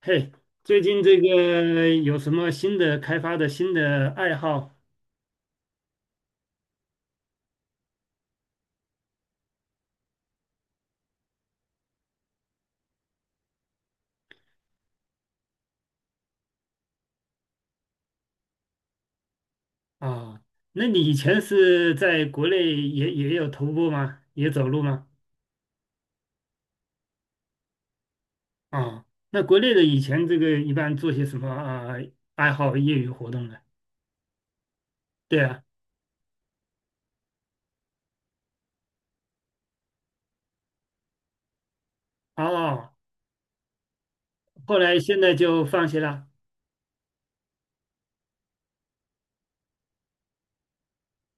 嘿，最近这个有什么新的开发的新的爱好啊？那你以前是在国内也有徒步吗？也走路吗？啊，那国内的以前这个一般做些什么啊爱好业余活动呢？对啊，哦，后来现在就放弃了。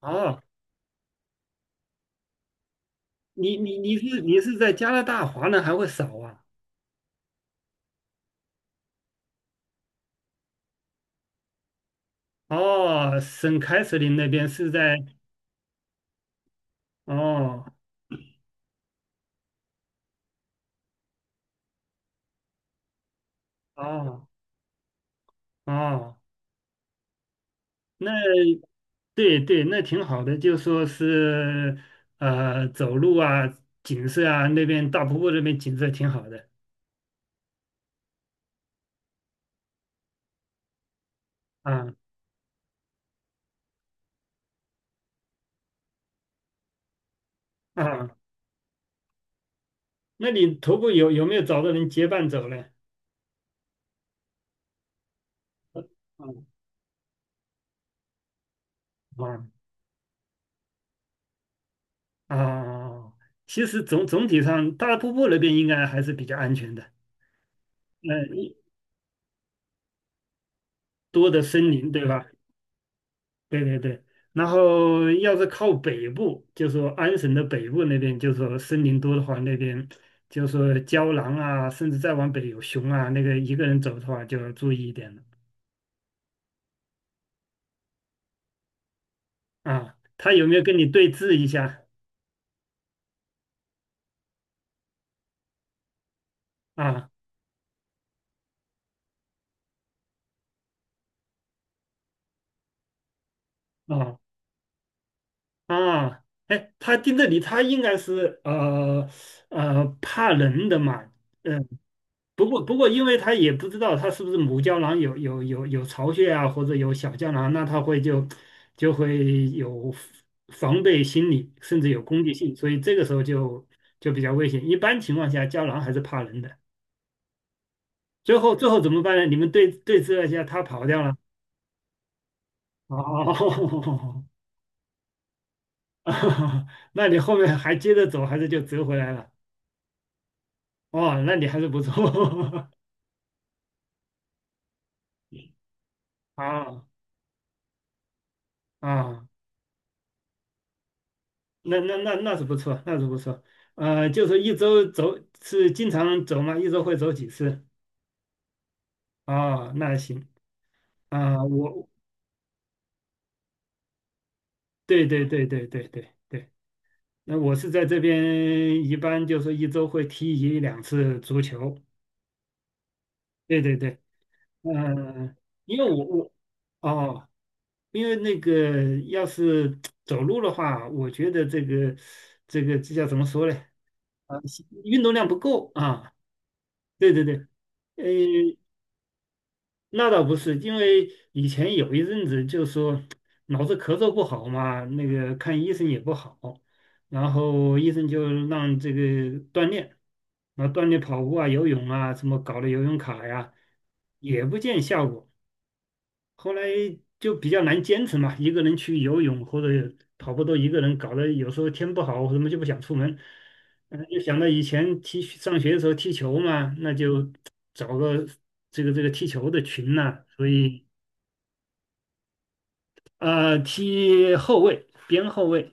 哦，你是在加拿大华人还会少啊？哦，省凯瑟琳那边是在哦哦哦，那。对对，那挺好的，就说是走路啊，景色啊，那边大瀑布那边景色挺好的啊啊。那你徒步有没有找到人结伴走呢？啊啊啊！其实总体上，大瀑布那边应该还是比较安全的，呃，一多的森林，对吧？对对对，然后要是靠北部，就说安省的北部那边，就说森林多的话，那边就说郊狼啊，甚至再往北有熊啊，那个一个人走的话就要注意一点了啊。他有没有跟你对峙一下啊？啊啊！哎，他盯着你，他应该是怕人的嘛，嗯。不过，不过，因为他也不知道他是不是母胶囊有巢穴啊，或者有小胶囊，那他会就会有防备心理，甚至有攻击性，所以这个时候就比较危险。一般情况下，胶囊还是怕人的。最后，最后怎么办呢？你们对对峙了一下，他跑掉了。哦，那你后面还接着走，还是就折回来了？哦，那你还是不错。啊啊。那是不错，那是不错。就是一周走是经常走吗？一周会走几次？哦，那行啊，我对，那我是在这边一般就是一周会踢一两次足球。对对对，嗯、因为我哦，因为那个要是走路的话，我觉得这个这个这叫怎么说嘞？啊，运动量不够啊。对对对。呃，那倒不是，因为以前有一阵子就说脑子咳嗽不好嘛，那个看医生也不好，然后医生就让这个锻炼，那锻炼跑步啊、游泳啊，什么搞了游泳卡呀，也不见效果。后来就比较难坚持嘛，一个人去游泳或者跑步都一个人，搞得有时候天不好，我什么就不想出门。嗯，就想到以前踢上学的时候踢球嘛，那就找个这个踢球的群呐、所以踢后卫，边后卫，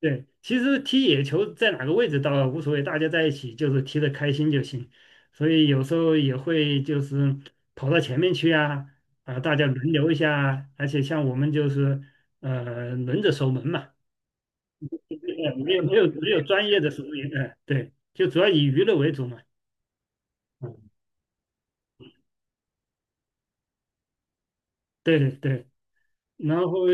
对，其实踢野球在哪个位置倒无所谓，大家在一起就是踢得开心就行。所以有时候也会就是跑到前面去啊，啊，大家轮流一下啊而且像我们就是轮着守门嘛，呃没有专业的守门员，呃对，就主要以娱乐为主嘛。嗯，对对，然后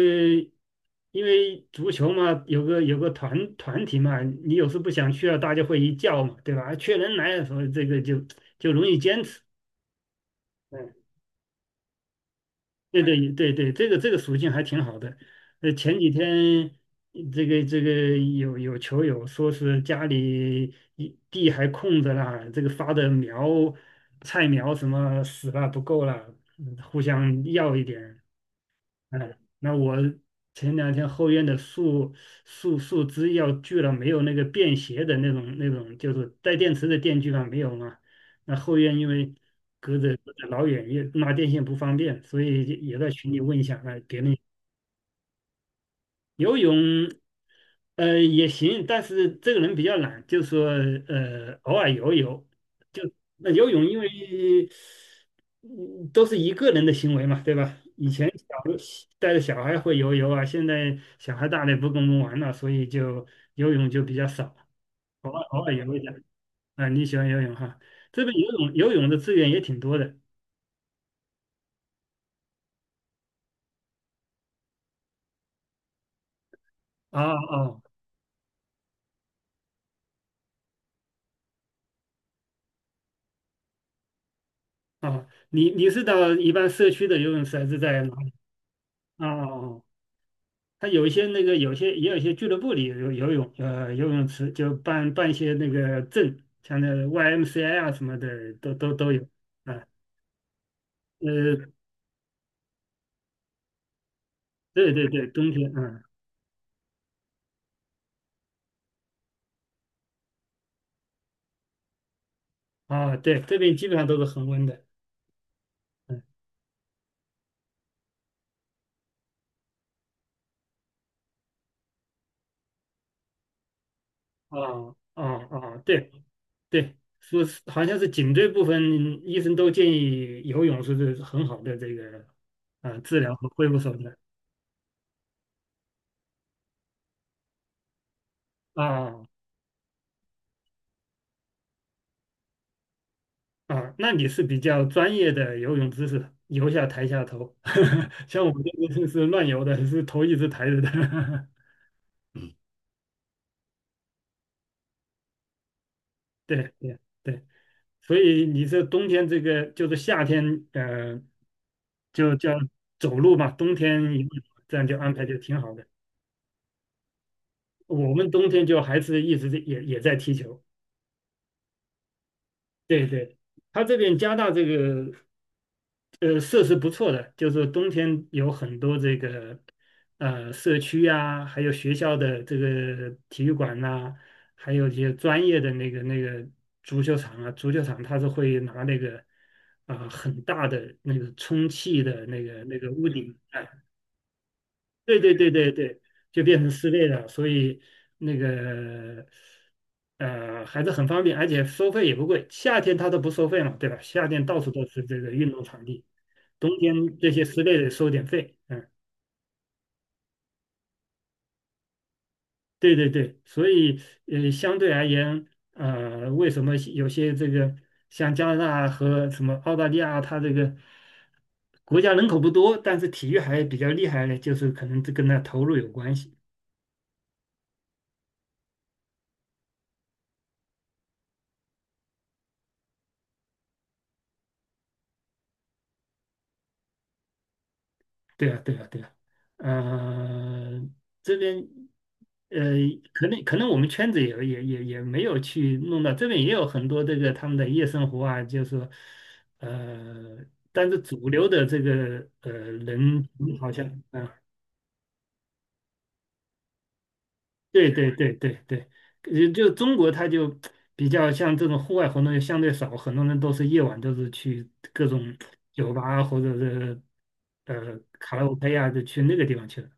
因为足球嘛，有个团团体嘛，你有时不想去了，大家会一叫嘛，对吧？啊缺人来的时候，这个就容易坚持。嗯，对，这个属性还挺好的。前几天这个有球友说是家里一地还空着啦，这个发的苗菜苗什么死了不够了，嗯互相要一点。哎，那我前两天后院的树树枝要锯了，没有那个便携的那种，就是带电池的电锯嘛，没有嘛。那后院因为隔着老远，也拉电线不方便，所以也在群里问一下，哎，别人游泳，也行，但是这个人比较懒，就说偶尔游游，就那游泳，因为嗯都是一个人的行为嘛，对吧？以前带着小孩会游泳啊，现在小孩大了也不跟我们玩了，所以就游泳就比较少，偶尔偶尔游一下。啊，你喜欢游泳哈？这边游泳游泳的资源也挺多的。啊啊啊！你是到一般社区的游泳池还是在哪里？啊啊啊！它有一些那个，有些也有一些俱乐部里有游泳，游泳池就办办一些那个证，像那个 YMCA 啊什么的，都有。啊，呃，对对对，冬天，嗯，啊，对，这边基本上都是恒温的。嗯。啊啊啊！对对，说是好像是颈椎部分，医生都建议游泳是很好的这个啊治疗和恢复手段啊啊。那你是比较专业的游泳知识，游下抬下头，像我们这个是乱游的，是头一直抬着的。对对对，所以你这冬天这个就是夏天，嗯，就叫走路嘛，冬天游泳这样就安排就挺好的。我们冬天就还是一直在也在踢球。对对，他这边加大这个设施不错的，就是冬天有很多这个社区啊，还有学校的这个体育馆呐、还有一些专业的那个足球场啊，足球场它是会拿那个啊、很大的那个充气的那个屋顶，哎、对对对对对，就变成室内了，所以那个还是很方便，而且收费也不贵。夏天它都不收费嘛，对吧？夏天到处都是这个运动场地，冬天这些室内的收点费。嗯，对对对，所以相对而言，为什么有些这个像加拿大和什么澳大利亚，它这个国家人口不多，但是体育还比较厉害呢？就是可能这跟它投入有关系。对啊，对啊，对啊，呃，这边，呃，可能可能我们圈子也也没有去弄到这边，也有很多这个他们的夜生活啊，就是说呃，但是主流的这个人好像，啊，对对对对对，就就中国他就比较像这种户外活动就相对少，很多人都是夜晚都是去各种酒吧或者是卡拉 OK 啊，就去那个地方去了。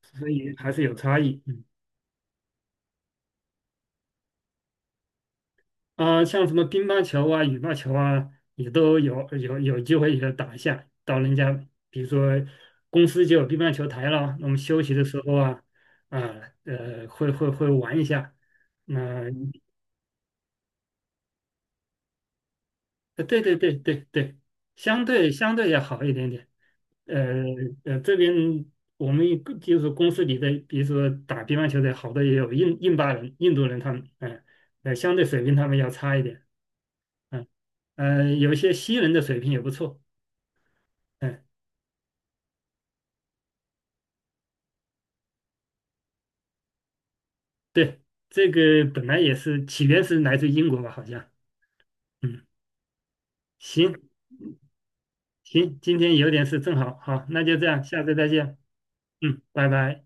所以还是有差异。嗯啊、像什么乒乓球啊、羽毛球啊，也都有有机会也打一下。到人家比如说公司就有乒乓球台了，那我们休息的时候啊，啊会玩一下。那、对对对对对，相对相对要好一点点。呃这边我们一个就是公司里的，比如说打乒乓球的，好多也有印巴人、印度人他们，嗯、相对水平他们要差一点。嗯，有些西人的水平也不错。嗯，对，这个本来也是起源是来自英国吧，好像。嗯，行行，今天有点事，正好，好，那就这样，下次再见。嗯，拜拜。